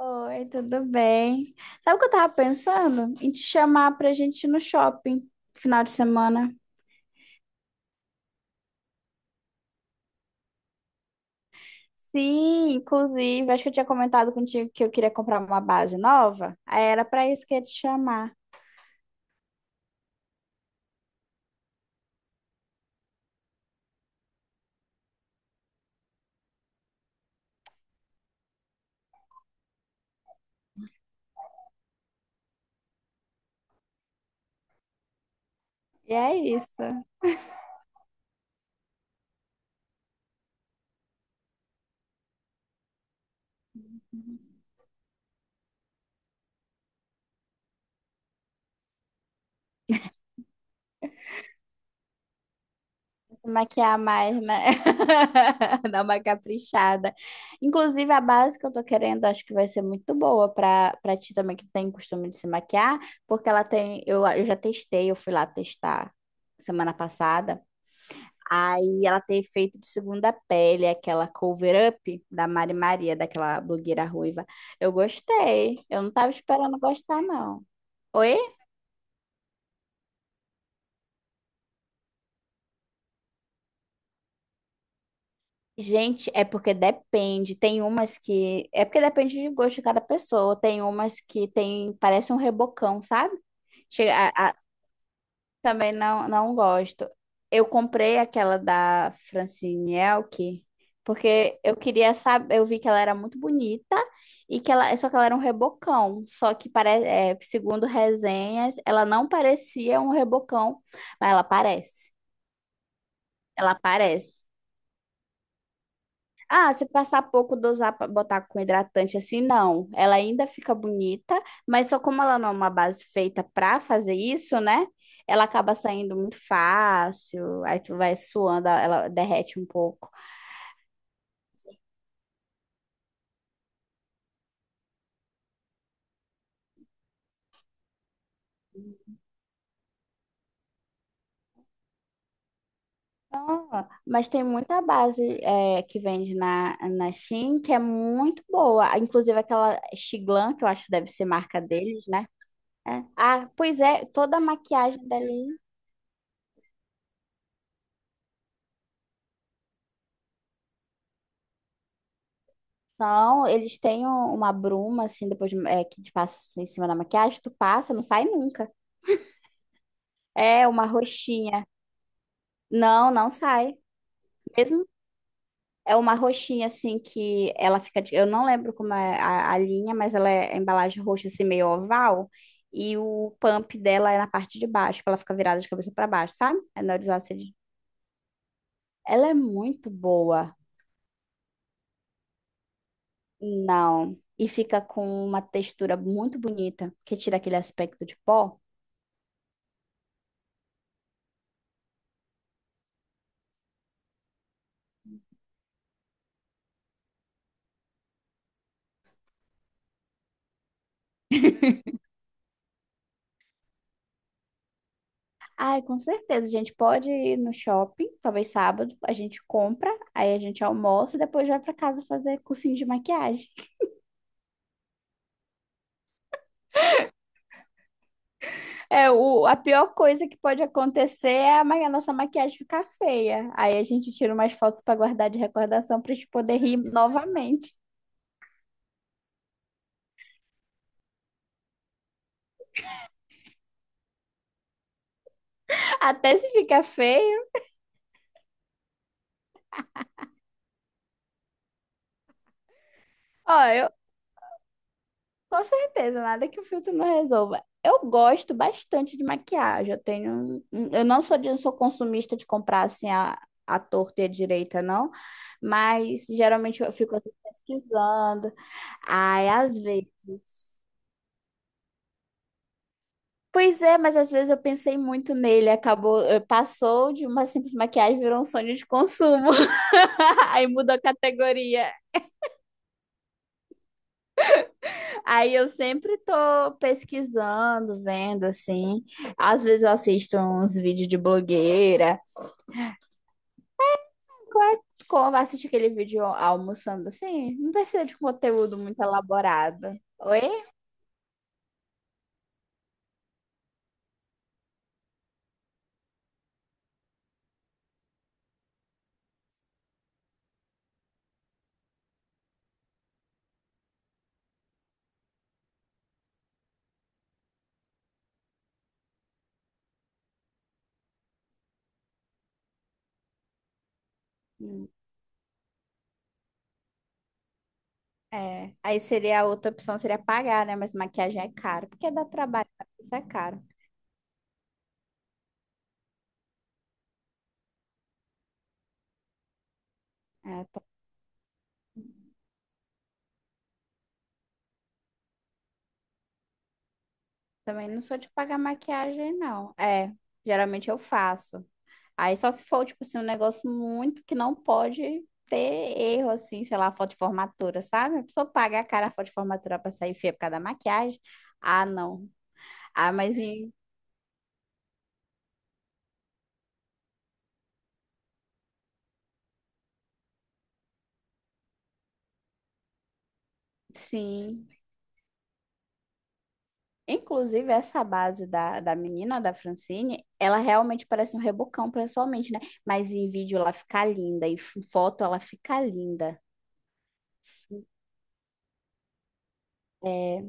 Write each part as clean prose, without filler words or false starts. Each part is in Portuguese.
Oi, tudo bem? Sabe o que eu tava pensando? Em te chamar pra gente ir no shopping final de semana. Sim, inclusive, acho que eu tinha comentado contigo que eu queria comprar uma base nova. Aí era pra isso que eu ia te chamar. E é isso. Se maquiar mais, né? Dar uma caprichada. Inclusive, a base que eu tô querendo, acho que vai ser muito boa pra ti também que tem costume de se maquiar, porque ela tem. Eu já testei, eu fui lá testar semana passada. Aí ela tem feito de segunda pele, aquela cover up da Mari Maria, daquela blogueira ruiva. Eu gostei. Eu não tava esperando gostar, não. Oi? Gente, é porque depende. Tem umas que. É porque depende de gosto de cada pessoa. Tem umas que tem. Parece um rebocão, sabe? Chega, a, também não gosto. Eu comprei aquela da Francine Elk, porque eu queria saber, eu vi que ela era muito bonita e que ela, só que ela era um rebocão, só que parece, segundo resenhas, ela não parecia um rebocão, mas ela parece. Ela parece. Ah, se passar pouco, dosar para botar com hidratante assim, não. Ela ainda fica bonita, mas só como ela não é uma base feita para fazer isso, né? Ela acaba saindo muito fácil, aí tu vai suando, ela derrete um pouco. Então, mas tem muita base é, que vende na Shein que é muito boa. Inclusive aquela Xiglan, que eu acho que deve ser marca deles, né? É. Ah, pois é, toda a maquiagem dela. São, eles têm uma bruma, assim, é, que te passa assim, em cima da maquiagem, tu passa, não sai nunca. É uma roxinha. Não, não sai. Mesmo é uma roxinha, assim, que ela fica. Eu não lembro como é a linha, mas ela é a embalagem roxa, assim, meio oval. E o pump dela é na parte de baixo, que ela fica virada de cabeça para baixo, sabe? É na horizontal. Assim. Ela é muito boa. Não. E fica com uma textura muito bonita, que tira aquele aspecto de pó. Ai, com certeza. A gente pode ir no shopping, talvez sábado, a gente compra, aí a gente almoça e depois vai pra casa fazer cursinho de maquiagem. É, o, a pior coisa que pode acontecer é a, a nossa maquiagem ficar feia. Aí a gente tira umas fotos pra guardar de recordação pra gente poder rir novamente. Até se ficar feio. Ó, eu, Com certeza, nada que o filtro não resolva. Eu gosto bastante de maquiagem. Eu tenho, eu não sou, não sou consumista de comprar assim a torta e a direita, não. Mas geralmente eu fico assim, pesquisando. Ai, às vezes. Pois é, mas às vezes eu pensei muito nele, acabou, passou de uma simples maquiagem, virou um sonho de consumo. Aí mudou a categoria. Aí eu sempre tô pesquisando, vendo assim. Às vezes eu assisto uns vídeos de blogueira. Como assistir aquele vídeo almoçando assim? Não precisa de conteúdo muito elaborado. Oi? Hum, É. Aí seria a outra opção, seria pagar, né? Mas maquiagem é caro, porque dá trabalho, isso é caro. É, tá. Também não sou de pagar maquiagem, não. É, geralmente eu faço. Aí só se for, tipo assim, um negócio muito que não pode ter erro, assim, sei lá, foto de formatura, sabe? A pessoa paga a cara a foto de formatura pra sair feia por causa da maquiagem. Ah, não. Ah, mas em- sim. Inclusive, essa base da menina, da Francine, ela realmente parece um rebocão, pessoalmente, né? Mas em vídeo ela fica linda, em foto ela fica linda. É,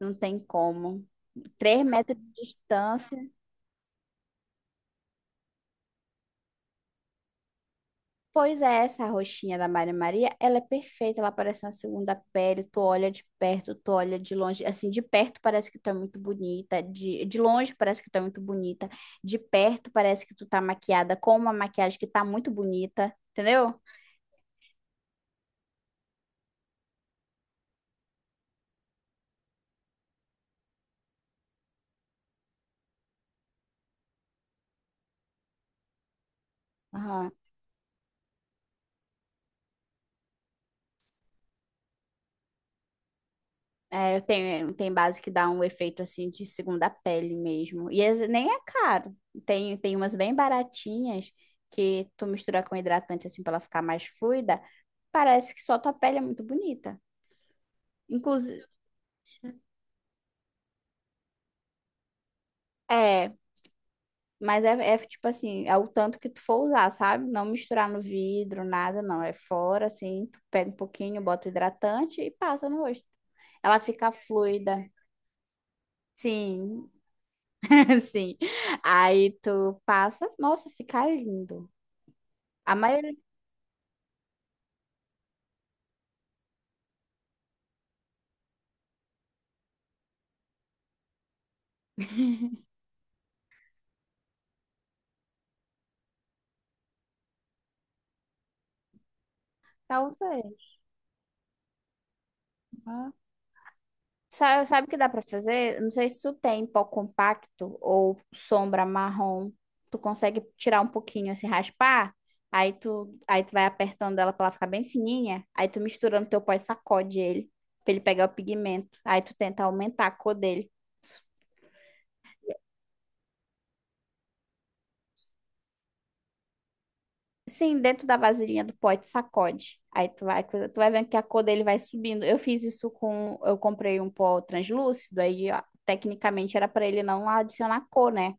não tem como. Três metros de distância. Pois é, essa roxinha da Maria Maria, ela é perfeita, ela parece uma segunda pele, tu olha de perto, tu olha de longe, assim, de perto parece que tu é muito bonita, de longe parece que tu é muito bonita, de perto parece que tu tá maquiada com uma maquiagem que tá muito bonita, entendeu? Aham. É, tem, tem base que dá um efeito, assim, de segunda pele mesmo, e esse nem é caro, tem, tem umas bem baratinhas que tu mistura com hidratante, assim, pra ela ficar mais fluida, parece que só tua pele é muito bonita. Inclusive, é, mas é, é tipo assim, é o tanto que tu for usar, sabe? Não misturar no vidro, nada, não. É fora, assim, tu pega um pouquinho, bota hidratante e passa no rosto. Ela fica fluida. Sim, sim. Aí tu passa, nossa, fica lindo. A maioria, talvez. Sabe, o que dá pra fazer? Não sei se tu tem pó compacto ou sombra marrom. Tu consegue tirar um pouquinho, assim, raspar. Aí tu vai apertando ela pra ela ficar bem fininha. Aí tu mistura no teu pó e sacode ele, pra ele pegar o pigmento. Aí tu tenta aumentar a cor dele. Sim, dentro da vasilhinha do pó, aí tu sacode. Aí tu vai, tu vai vendo que a cor dele vai subindo. Eu fiz isso com... Eu comprei um pó translúcido, aí... ó, tecnicamente era pra ele não adicionar cor, né?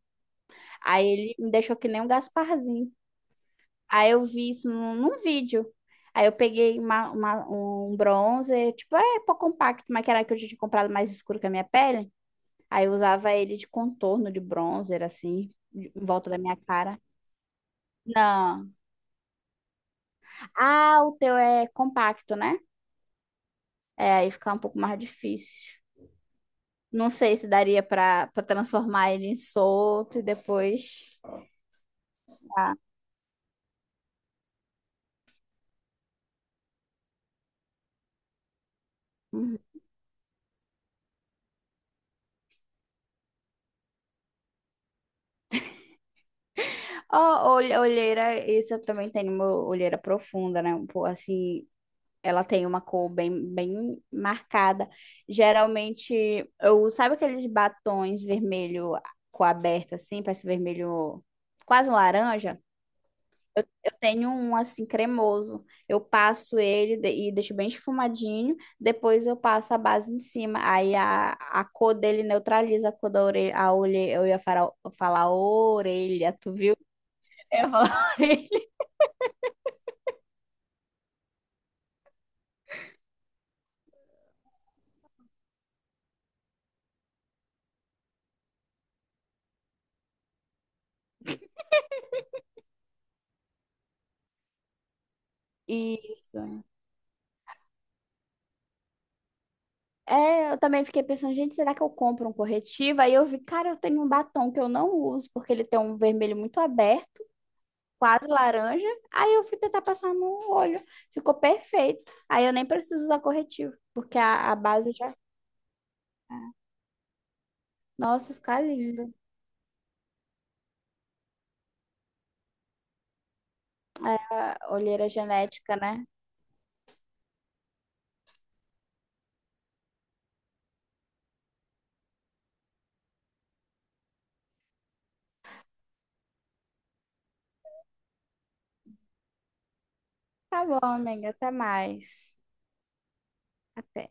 Aí ele me deixou que nem um Gasparzinho. Aí eu vi isso num vídeo. Aí eu peguei um bronzer, tipo, é pó compacto, mas que era que eu já tinha comprado mais escuro que a minha pele. Aí eu usava ele de contorno de bronzer, assim, em volta da minha cara. Não. Ah, o teu é compacto, né? É, aí fica um pouco mais difícil. Não sei se daria pra para transformar ele em solto e depois. Ah. Uhum. Ó, olheira, isso eu também tenho uma olheira profunda, né? Um pouco assim, ela tem uma cor bem, bem marcada. Geralmente, eu, sabe aqueles batons vermelho com aberta assim, parece vermelho, quase um laranja? Eu tenho um assim cremoso. Eu passo ele e deixo bem esfumadinho, depois eu passo a base em cima. Aí a cor dele neutraliza a cor da orelha, eu ia falar, falar orelha, tu viu? Eu ia falar orelha. Isso. É, eu também fiquei pensando, gente, será que eu compro um corretivo? Aí eu vi, cara, eu tenho um batom que eu não uso, porque ele tem um vermelho muito aberto, quase laranja. Aí eu fui tentar passar no olho, ficou perfeito. Aí eu nem preciso usar corretivo, porque a base já. Nossa, fica lindo. É, a olheira genética, né? Tá bom, amiga, até mais. Até.